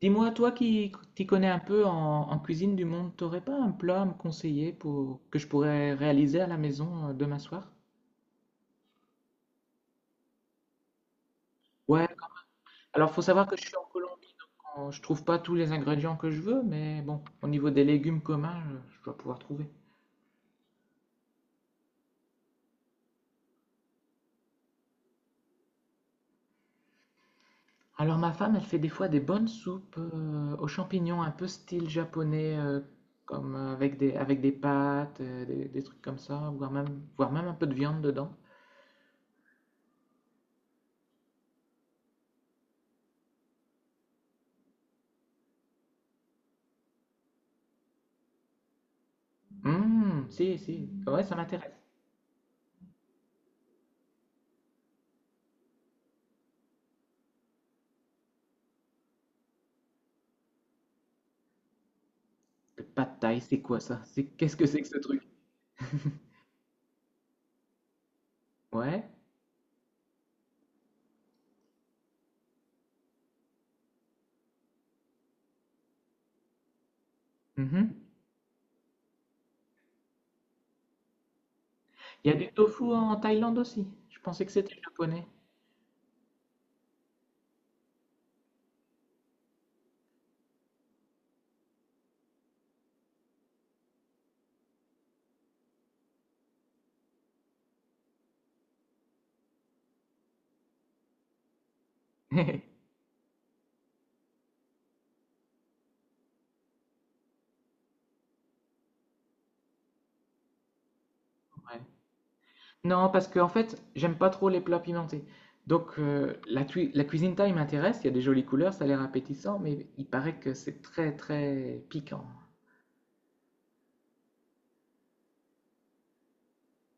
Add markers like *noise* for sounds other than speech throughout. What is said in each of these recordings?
Dis-moi, toi qui t'y connais un peu en cuisine du monde, t'aurais pas un plat à me conseiller pour, que je pourrais réaliser à la maison demain soir? Ouais, alors faut savoir que je suis en Colombie, donc je trouve pas tous les ingrédients que je veux, mais bon, au niveau des légumes communs, je dois pouvoir trouver. Alors ma femme, elle fait des fois des bonnes soupes aux champignons, un peu style japonais, comme avec avec des pâtes, des trucs comme ça, voire même un peu de viande dedans. Si, ouais, ça m'intéresse. Le pad thaï, c'est quoi ça? C'est qu'est-ce que c'est que ce truc? *laughs* Ouais. Mhm. Il y a du tofu en Thaïlande aussi. Je pensais que c'était japonais. *laughs* Ouais. Non, parce que en fait, j'aime pas trop les plats pimentés. Donc la, la cuisine thaï m'intéresse. Il y a des jolies couleurs, ça a l'air appétissant, mais il paraît que c'est très très piquant.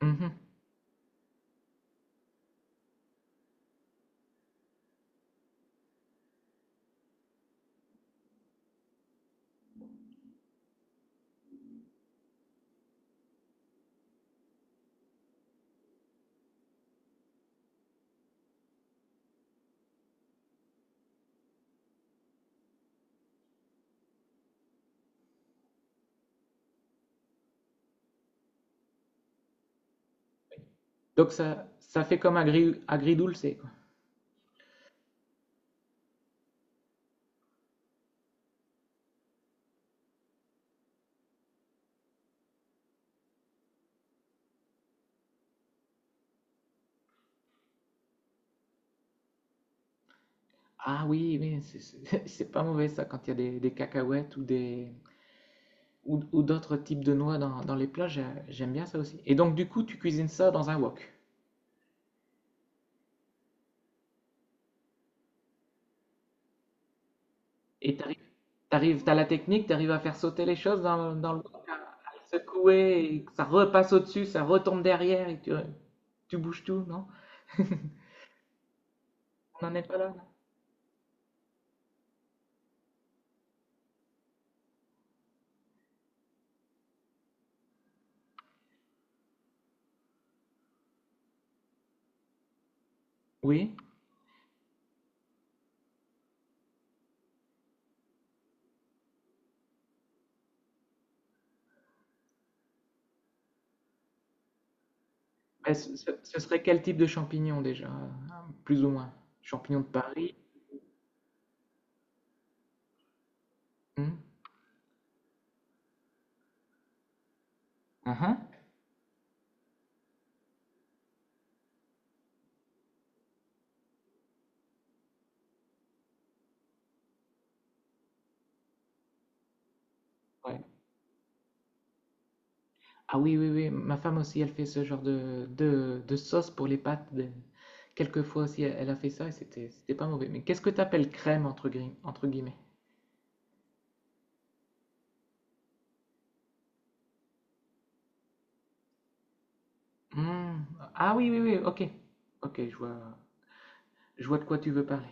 Mhm. Donc ça fait comme agridulce, quoi. Ah oui, mais *laughs* c'est pas mauvais ça quand il y a des cacahuètes ou des, ou d'autres types de noix dans les plats, j'aime bien ça aussi. Et donc, du coup, tu cuisines ça dans un wok. Et t'as la technique, t'arrives à faire sauter les choses dans, dans le wok, à le secouer, et que ça repasse au-dessus, ça retombe derrière, et tu bouges tout, non? On n'en est pas là, non. Oui. Mais ce serait quel type de champignons déjà? Plus ou moins. Champignons de Paris? Hmm, uhum, ouais. Ah oui, oui, oui, ma femme aussi, elle fait ce genre de sauce pour les pâtes. Quelquefois aussi, elle a fait ça et c'était pas mauvais. Mais qu'est-ce que t'appelles crème entre guillemets? Hmm, ah oui, oui, oui, ok. Ok, je vois de quoi tu veux parler.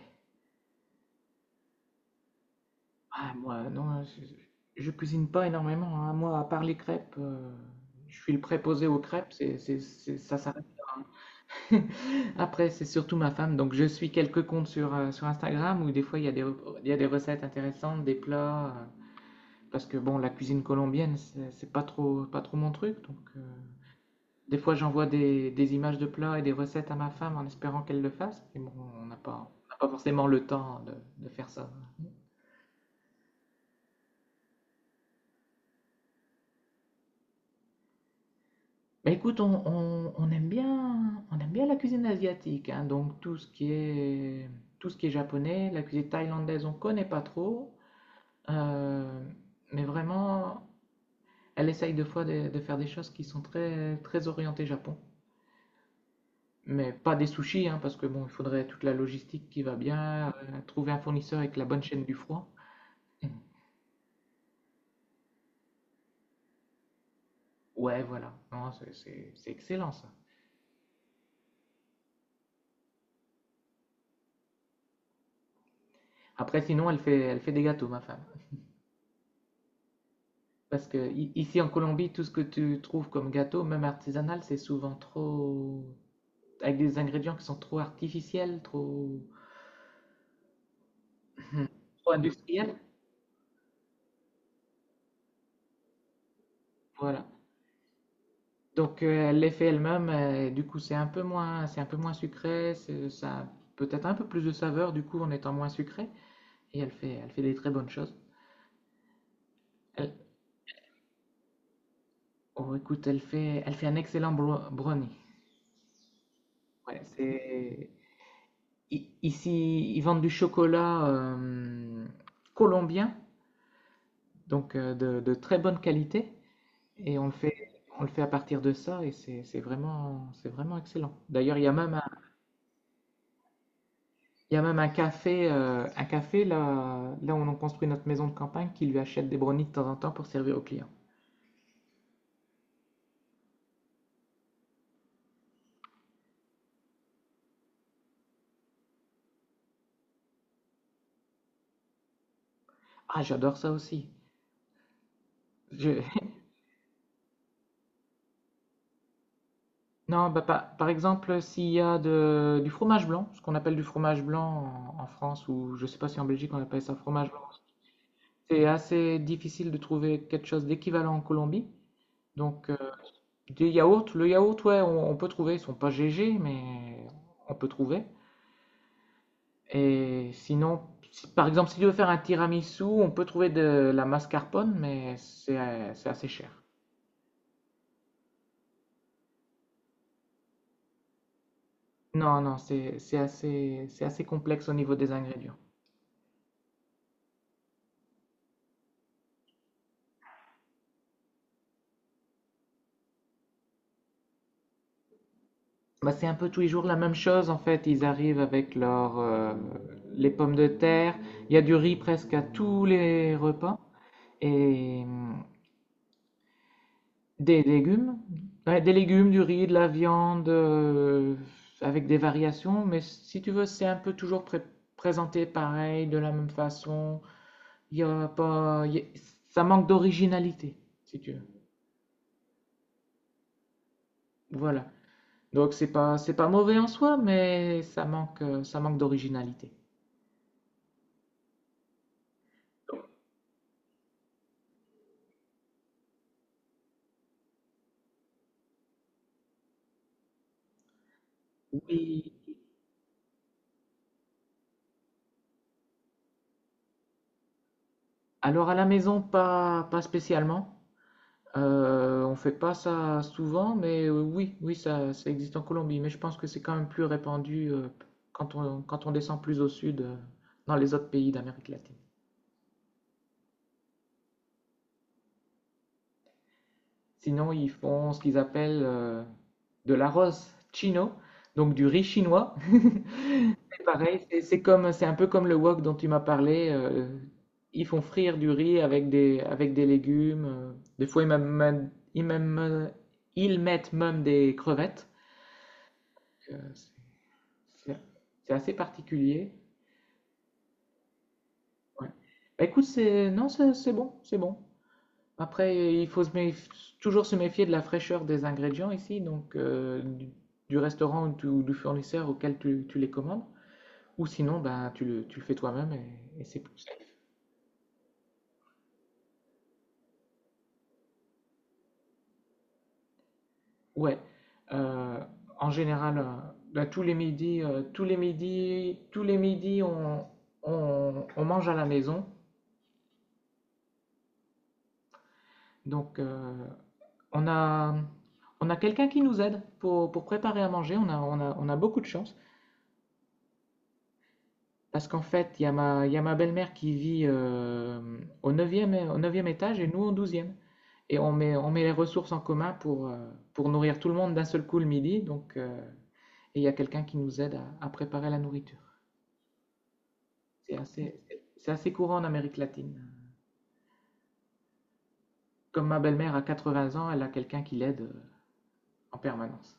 Ah, moi, non, je cuisine pas énormément, hein. Moi, à part les crêpes, je suis le préposé aux crêpes, ça s'arrête là, hein. *laughs* Après, c'est surtout ma femme, donc je suis quelques comptes sur, sur Instagram où des fois il y a il y a des recettes intéressantes, des plats. Parce que bon, la cuisine colombienne, c'est pas trop mon truc. Des fois, j'envoie des images de plats et des recettes à ma femme en espérant qu'elle le fasse. Mais bon, on n'a pas forcément le temps de faire ça. Mais écoute, on aime bien la cuisine asiatique, hein. Donc, tout ce qui est japonais, la cuisine thaïlandaise, on connaît pas trop. Euh, mais vraiment, elle essaye des fois de faire des choses qui sont très orientées Japon. Mais pas des sushis, hein, parce que bon, il faudrait toute la logistique qui va bien, trouver un fournisseur avec la bonne chaîne du froid. Ouais, voilà. Non, c'est excellent ça. Après, sinon, elle fait des gâteaux, ma femme. Parce que ici en Colombie, tout ce que tu trouves comme gâteau, même artisanal, c'est souvent trop, avec des ingrédients qui sont trop artificiels, trop, trop industriels. Voilà. Donc, elle les fait elle-même, et du coup, c'est un peu moins sucré, ça a peut-être un peu plus de saveur, du coup, en étant moins sucré. Et elle fait des très bonnes choses. Elle- oh, écoute, elle fait un excellent brownie. Ouais, c'est... Ici, ils vendent du chocolat colombien, donc de très bonne qualité. Et on le fait à partir de ça, et c'est vraiment, c'est vraiment excellent. D'ailleurs, il y a même un café là, là où on construit notre maison de campagne qui lui achète des brownies de temps en temps pour servir aux clients. Ah, j'adore ça aussi. Je, non, bah, par exemple, s'il y a du fromage blanc, ce qu'on appelle du fromage blanc en France, ou je sais pas si en Belgique on appelle ça fromage blanc, c'est assez difficile de trouver quelque chose d'équivalent en Colombie. Donc, des yaourts, le yaourt, ouais, on peut trouver, ils sont pas GG, mais on peut trouver. Et sinon, par exemple, si tu veux faire un tiramisu, on peut trouver de la mascarpone, mais c'est assez cher. Non, non, c'est assez complexe au niveau des ingrédients. Bah, c'est un peu tous les jours la même chose en fait. Ils arrivent avec leur, les pommes de terre. Il y a du riz presque à tous les repas et des légumes. Ouais, des légumes, du riz, de la viande, avec des variations. Mais si tu veux, c'est un peu toujours présenté pareil, de la même façon. Il y a pas, il y a- ça manque d'originalité, si tu veux. Voilà. Donc c'est pas mauvais en soi, mais ça manque d'originalité. Oui. Alors à la maison, pas spécialement. On fait pas ça souvent, mais oui, oui, ça existe en Colombie. Mais je pense que c'est quand même plus répandu quand quand on descend plus au sud, dans les autres pays d'Amérique latine. Sinon, ils font ce qu'ils appellent de l'arroz chino, donc du riz chinois. *laughs* C'est pareil, c'est un peu comme le wok dont tu m'as parlé. Ils font frire du riz avec avec des légumes. Euh, des fois, ils, même, même, ils mettent même des crevettes. Euh, c'est c'est- c'est assez particulier. Ouais. Bah, écoute, c'est, non, c'est bon, c'est bon. Après, il faut se méf- toujours se méfier de la fraîcheur des ingrédients ici, du restaurant ou du fournisseur auquel tu les commandes. Ou sinon, ben, tu le fais toi-même et c'est plus safe. Ouais. Euh, en général, ben, tous les midis, on mange à la maison. Donc, on a, on a quelqu'un qui nous aide pour préparer à manger. On a beaucoup de chance. Parce qu'en fait, il y a ma belle-mère qui vit au neuvième au 9e étage et nous au douzième. Et on met les ressources en commun pour nourrir tout le monde d'un seul coup le midi. Donc, et il y a quelqu'un qui nous aide à préparer la nourriture. C'est assez, c'est assez courant en Amérique latine. Comme ma belle-mère a 80 ans, elle a quelqu'un qui l'aide en permanence.